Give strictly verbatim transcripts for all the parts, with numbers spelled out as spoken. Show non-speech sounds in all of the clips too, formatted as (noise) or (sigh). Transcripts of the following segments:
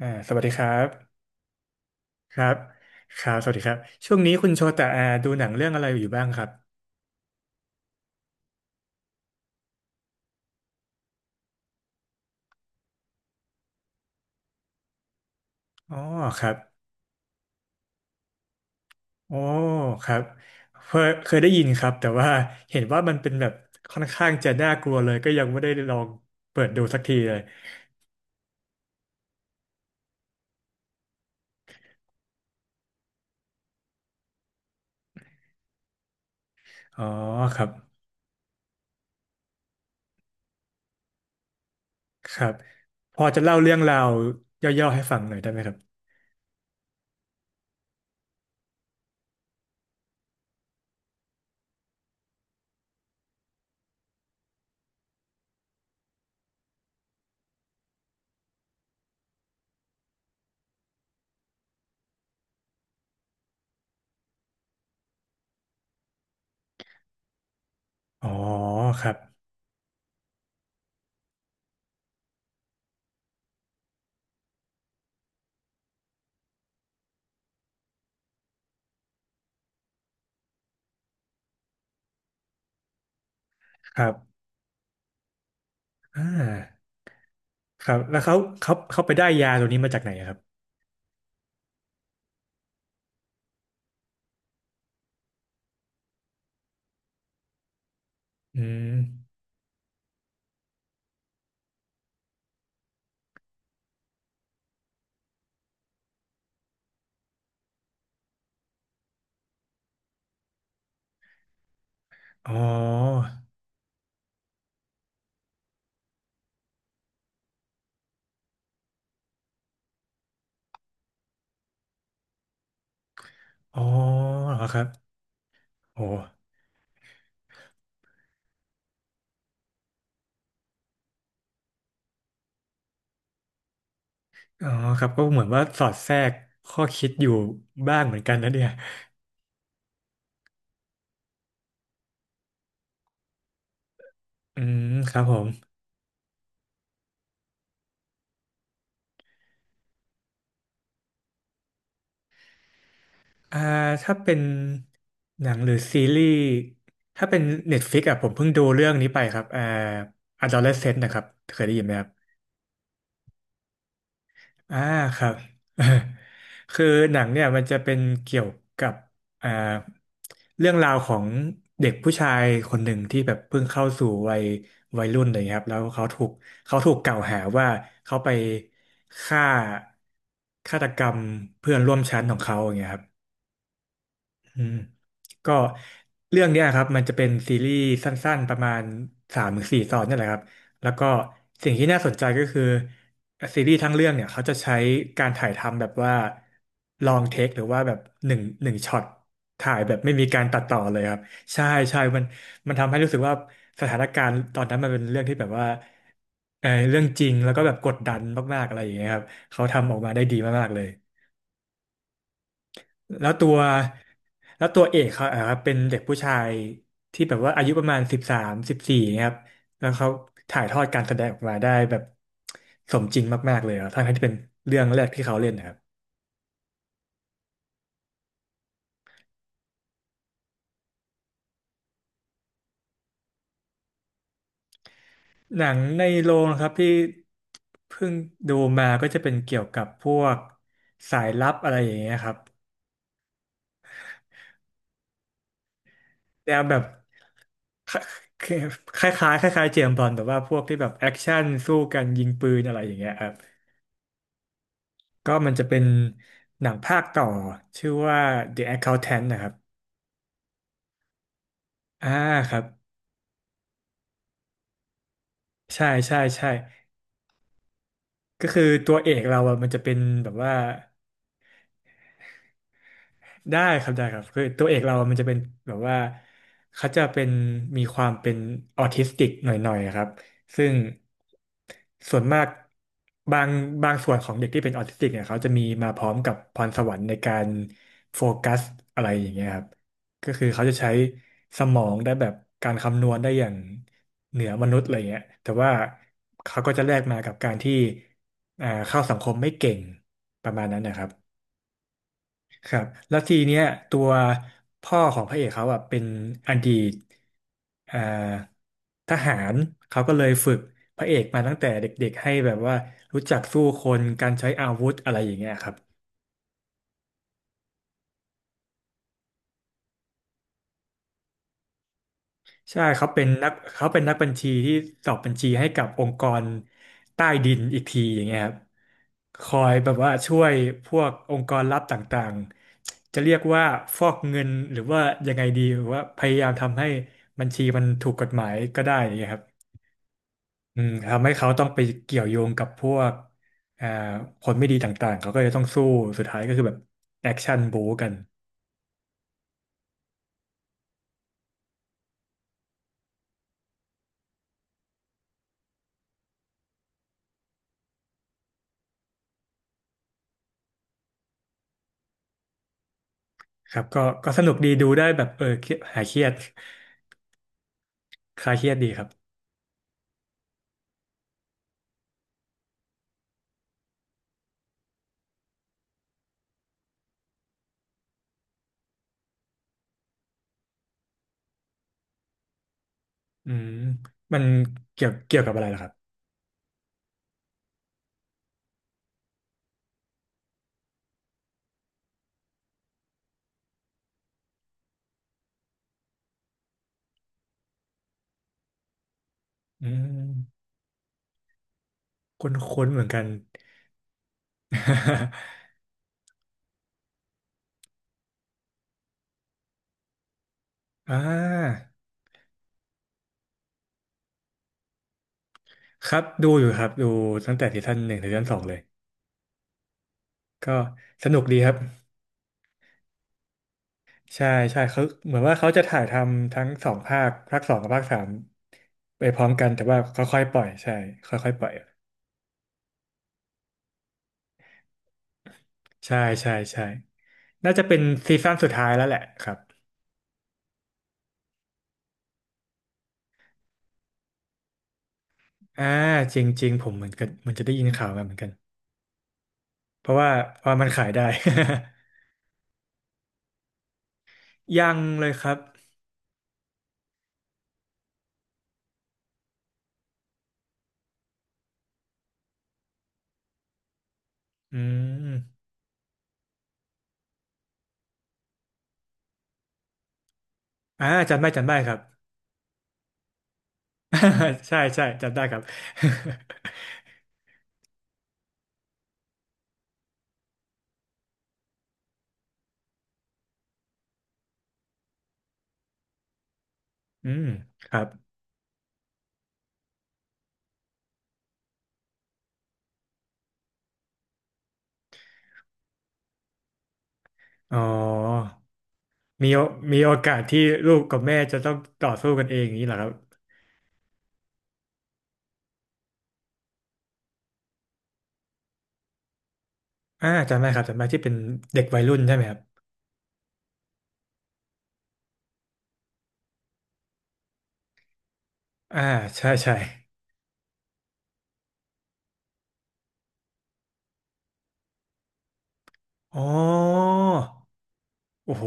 อ่าสวัสดีครับครับครับสวัสดีครับ ช่วงนี้คุณโชตะอ่าดูหนังเรื่องอะไรอยู่บ้างครับอ๋อครับโอ้ครับเคยเคยได้ยินครับแต่ว่าเห็นว่ามันเป็นแบบค่อนข้างจะน่ากลัวเลยก็ยังไม่ได้ลองเปิดดูสักทีเลยอ๋อครับครับพอจะเล่าเรื่องราวย่อๆให้ฟังหน่อยได้ไหมครับอ๋อครับครับอ่าครับแล้วเขาเขาเขาไปได้ยาตัวนี้มาจากไหนอะครับอืมอ๋ออ๋อเหรอครับ โอ้อ๋อครับก็เหมือนว่าสอดแทรกข้อคิดอยู่บ้างเหมือนกันนะเนี่ย อืมครับผม อ่าถ้าเป็นหนังหรือซีรีส์ถ้าเป็น Netflix อ่ะผมเพิ่งดูเรื่องนี้ไปครับ อ่า Adolescent นะครับเคยได้ยินไหมครับ อ่าครับ (laughs) คือหนังเนี่ยมันจะเป็นเกี่ยวกับอ่าเรื่องราวของเด็กผู้ชายคนหนึ่งที่แบบเพิ่งเข้าสู่วัยวัยรุ่นอะไรอย่างเลยครับแล้วเขาถูกเขาถูกกล่าวหาว่าเขาไปฆ่าฆาตกรรมเพื่อนร่วมชั้นของเขาอย่างเงี้ยครับ อืมก็เรื่องเนี้ยครับมันจะเป็นซีรีส์สั้นๆประมาณสามถึงสี่ตอนเนี่ยแหละครับแล้วก็สิ่งที่น่าสนใจก็คือซีรีส์ทั้งเรื่องเนี่ยเขาจะใช้การถ่ายทำแบบว่าลองเทคหรือว่าแบบหนึ่งหนึ่งช็อตถ่ายแบบไม่มีการตัดต่อเลยครับใช่ใช่มันมันทำให้รู้สึกว่าสถานการณ์ตอนนั้นมันเป็นเรื่องที่แบบว่าเออเรื่องจริงแล้วก็แบบกดดันมากๆอะไรอย่างเงี้ยครับเขาทำออกมาได้ดีมากๆเลย แล้วตัวแล้วตัวเอกเขาอ่ครับเป็นเด็กผู้ชายที่แบบว่าอายุประมาณสิบสามสิบสี่ครับแล้วเขาถ่ายทอดการแสดงออกมาได้แบบสมจริงมากๆเลยครับทั้งที่เป็นเรื่องแรกที่เขาเล่นนะครับหนังในโรงนะครับที่เพิ่งดูมาก็จะเป็นเกี่ยวกับพวกสายลับอะไรอย่างเงี้ยครับแนวแบบคคล้ายๆคล้ายๆเจมส์บอนด์แต่ว่าพวกที่แบบแอคชั่นสู้กันยิงปืนอะไรอย่างเงี้ยครับ ก็มันจะเป็นหนังภาคต่อชื่อว่า The Accountant นะครับอ่าครับ ใช่ใช่ใช่ก็คือตัวเอกเราอะมันจะเป็นแบบว่า ได้ครับได้ครับคือตัวเอกเรามันจะเป็นแบบว่าเขาจะเป็นมีความเป็นออทิสติกหน่อยๆครับซึ่งส่วนมากบางบางส่วนของเด็กที่เป็นออทิสติกเนี่ยเขาจะมีมาพร้อมกับพรสวรรค์ในการโฟกัสอะไรอย่างเงี้ยครับก็คือเขาจะใช้สมองได้แบบการคำนวณได้อย่างเหนือมนุษย์อะไรเงี้ยแต่ว่าเขาก็จะแลกมากับการที่อ่าเข้าสังคมไม่เก่งประมาณนั้นนะครับ ครับแล้วทีเนี้ยตัวพ่อของพระเอกเขาอ่ะเป็นอดีตเอ่อทหารเขาก็เลยฝึกพระเอกมาตั้งแต่เด็กๆให้แบบว่ารู้จักสู้คนการใช้อาวุธอะไรอย่างเงี้ยครับ ใช่เขาเป็นนักเขาเป็นนักบัญชีที่สอบบัญชีให้กับองค์กรใต้ดินอีกทีอย่างเงี้ยครับคอยแบบว่าช่วยพวกองค์กรลับต่างๆจะเรียกว่าฟอกเงินหรือว่ายังไงดีหรือว่าพยายามทำให้บัญชีมันถูกกฎหมายก็ได้อย่างเงี้ยครับอืมทำให้เขาต้องไปเกี่ยวโยงกับพวกอ่าคนไม่ดีต่างๆเขาก็จะต้องสู้สุดท้ายก็คือแบบแอคชั่นบู๊กันครับก็ก็สนุกดีดูได้แบบเออเครียดหายเครียดคลายเครียดดีครับ อืมมันเกี่ยวเกี่ยวกับอะไรล่ะครับอืมคุ้นๆเหมือนกัน (laughs) อ่าครับดูอยู่ครับดูตั้งแต่ซีซั่นหนึ่งถึงซีซั่นสองเลยก็สนุกดีครับใช่ใช่เขาเหมือนว่าเขาจะถ่ายทำทั้งสองภาคภาคสองกับภาคสามไปพร้อมกันแต่ว่าค่อยๆปล่อยใช่ค่อยๆปล่อยใช่ใช่ใช่น่าจะเป็นซีซั่นสุดท้ายแล้วแหละครับอ่าจริงๆผมเหมือนกันมันจะได้ยินข่าวมาเหมือนกันเพราะว่าเพราะมันขายได้ (laughs) ยังเลยครับอืมอ่าจำได้จำได้ครับ (laughs) ใช่ใช่จำได้ครับ (laughs) อืมครับอ๋อมีโอมีโอกาสที่ลูกกับแม่จะต้องต่อสู้กันเองอย่างนี้เหรอครับอ่าจำได้ครับจำได้ที่เป็นเด็กวัยรุ่นใช่ไหมครับอ่าใช่ใช่อ๋อโอ้โห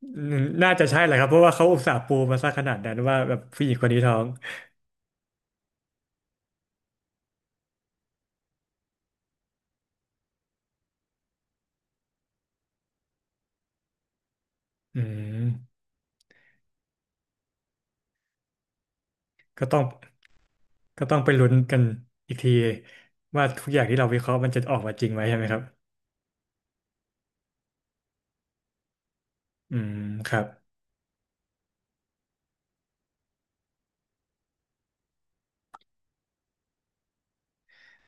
(laughs) น่าจะใช่แหละครับเพราะว่าเขาอุตส่าห์ปูมาซะขนาดนั้นว่าแบบผู้หญิงคนนี้ท้องอืมก็ต้อง ก็ต้องไปลุ้นกันอีกทีว่าทุกอย่างที่เราวิเคราะห์มันจะออกมาจริงไหมใช่ไหมครับอืมครับ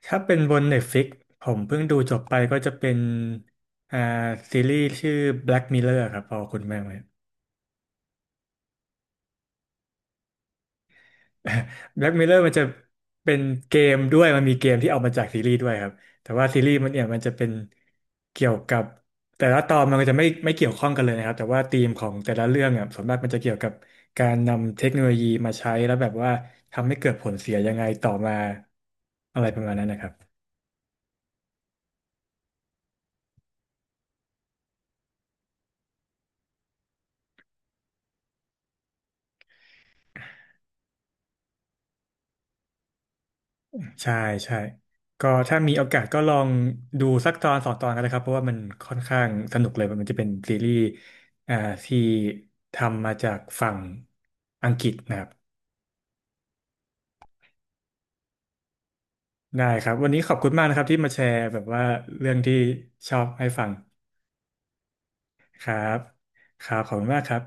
ถ้าเป็นบน Netflix ผมเพิ่งดูจบไปก็จะเป็นอ่าซีรีส์ชื่อ Black Mirror ครับพอคุณแม่ไหม (laughs) แบล็กเ r อร์มันจะเป็นเกมด้วยมันมีเกมที่เอามาจากซีรีส์ด้วยครับแต่ว่าซีรีส์มันเนี่ยมันจะเป็นเกี่ยวกับแต่ละตอนมันก็จะไม่ไม่เกี่ยวข้องกันเลยนะครับแต่ว่าธีมของแต่ละเรื่องอ่ะส่วนมากมันจะเกี่ยวกับการนำเทคโนโลยีมาใช้แล้วแบบว่าทำให้เกิดผลเสียยังไงต่อมาอะไรประมาณนั้นนะครับ ใช่ใช่ก็ถ้ามีโอกาสก็ลองดูสักตอนสองตอนกันนะครับเพราะว่ามันค่อนข้างสนุกเลยมันจะเป็นซีรีส์อ่าที่ทำมาจากฝั่งอังกฤษนะครับได้ครับวันนี้ขอบคุณมากนะครับที่มาแชร์แบบว่าเรื่องที่ชอบให้ฟังครับครับขอบคุณมากครับ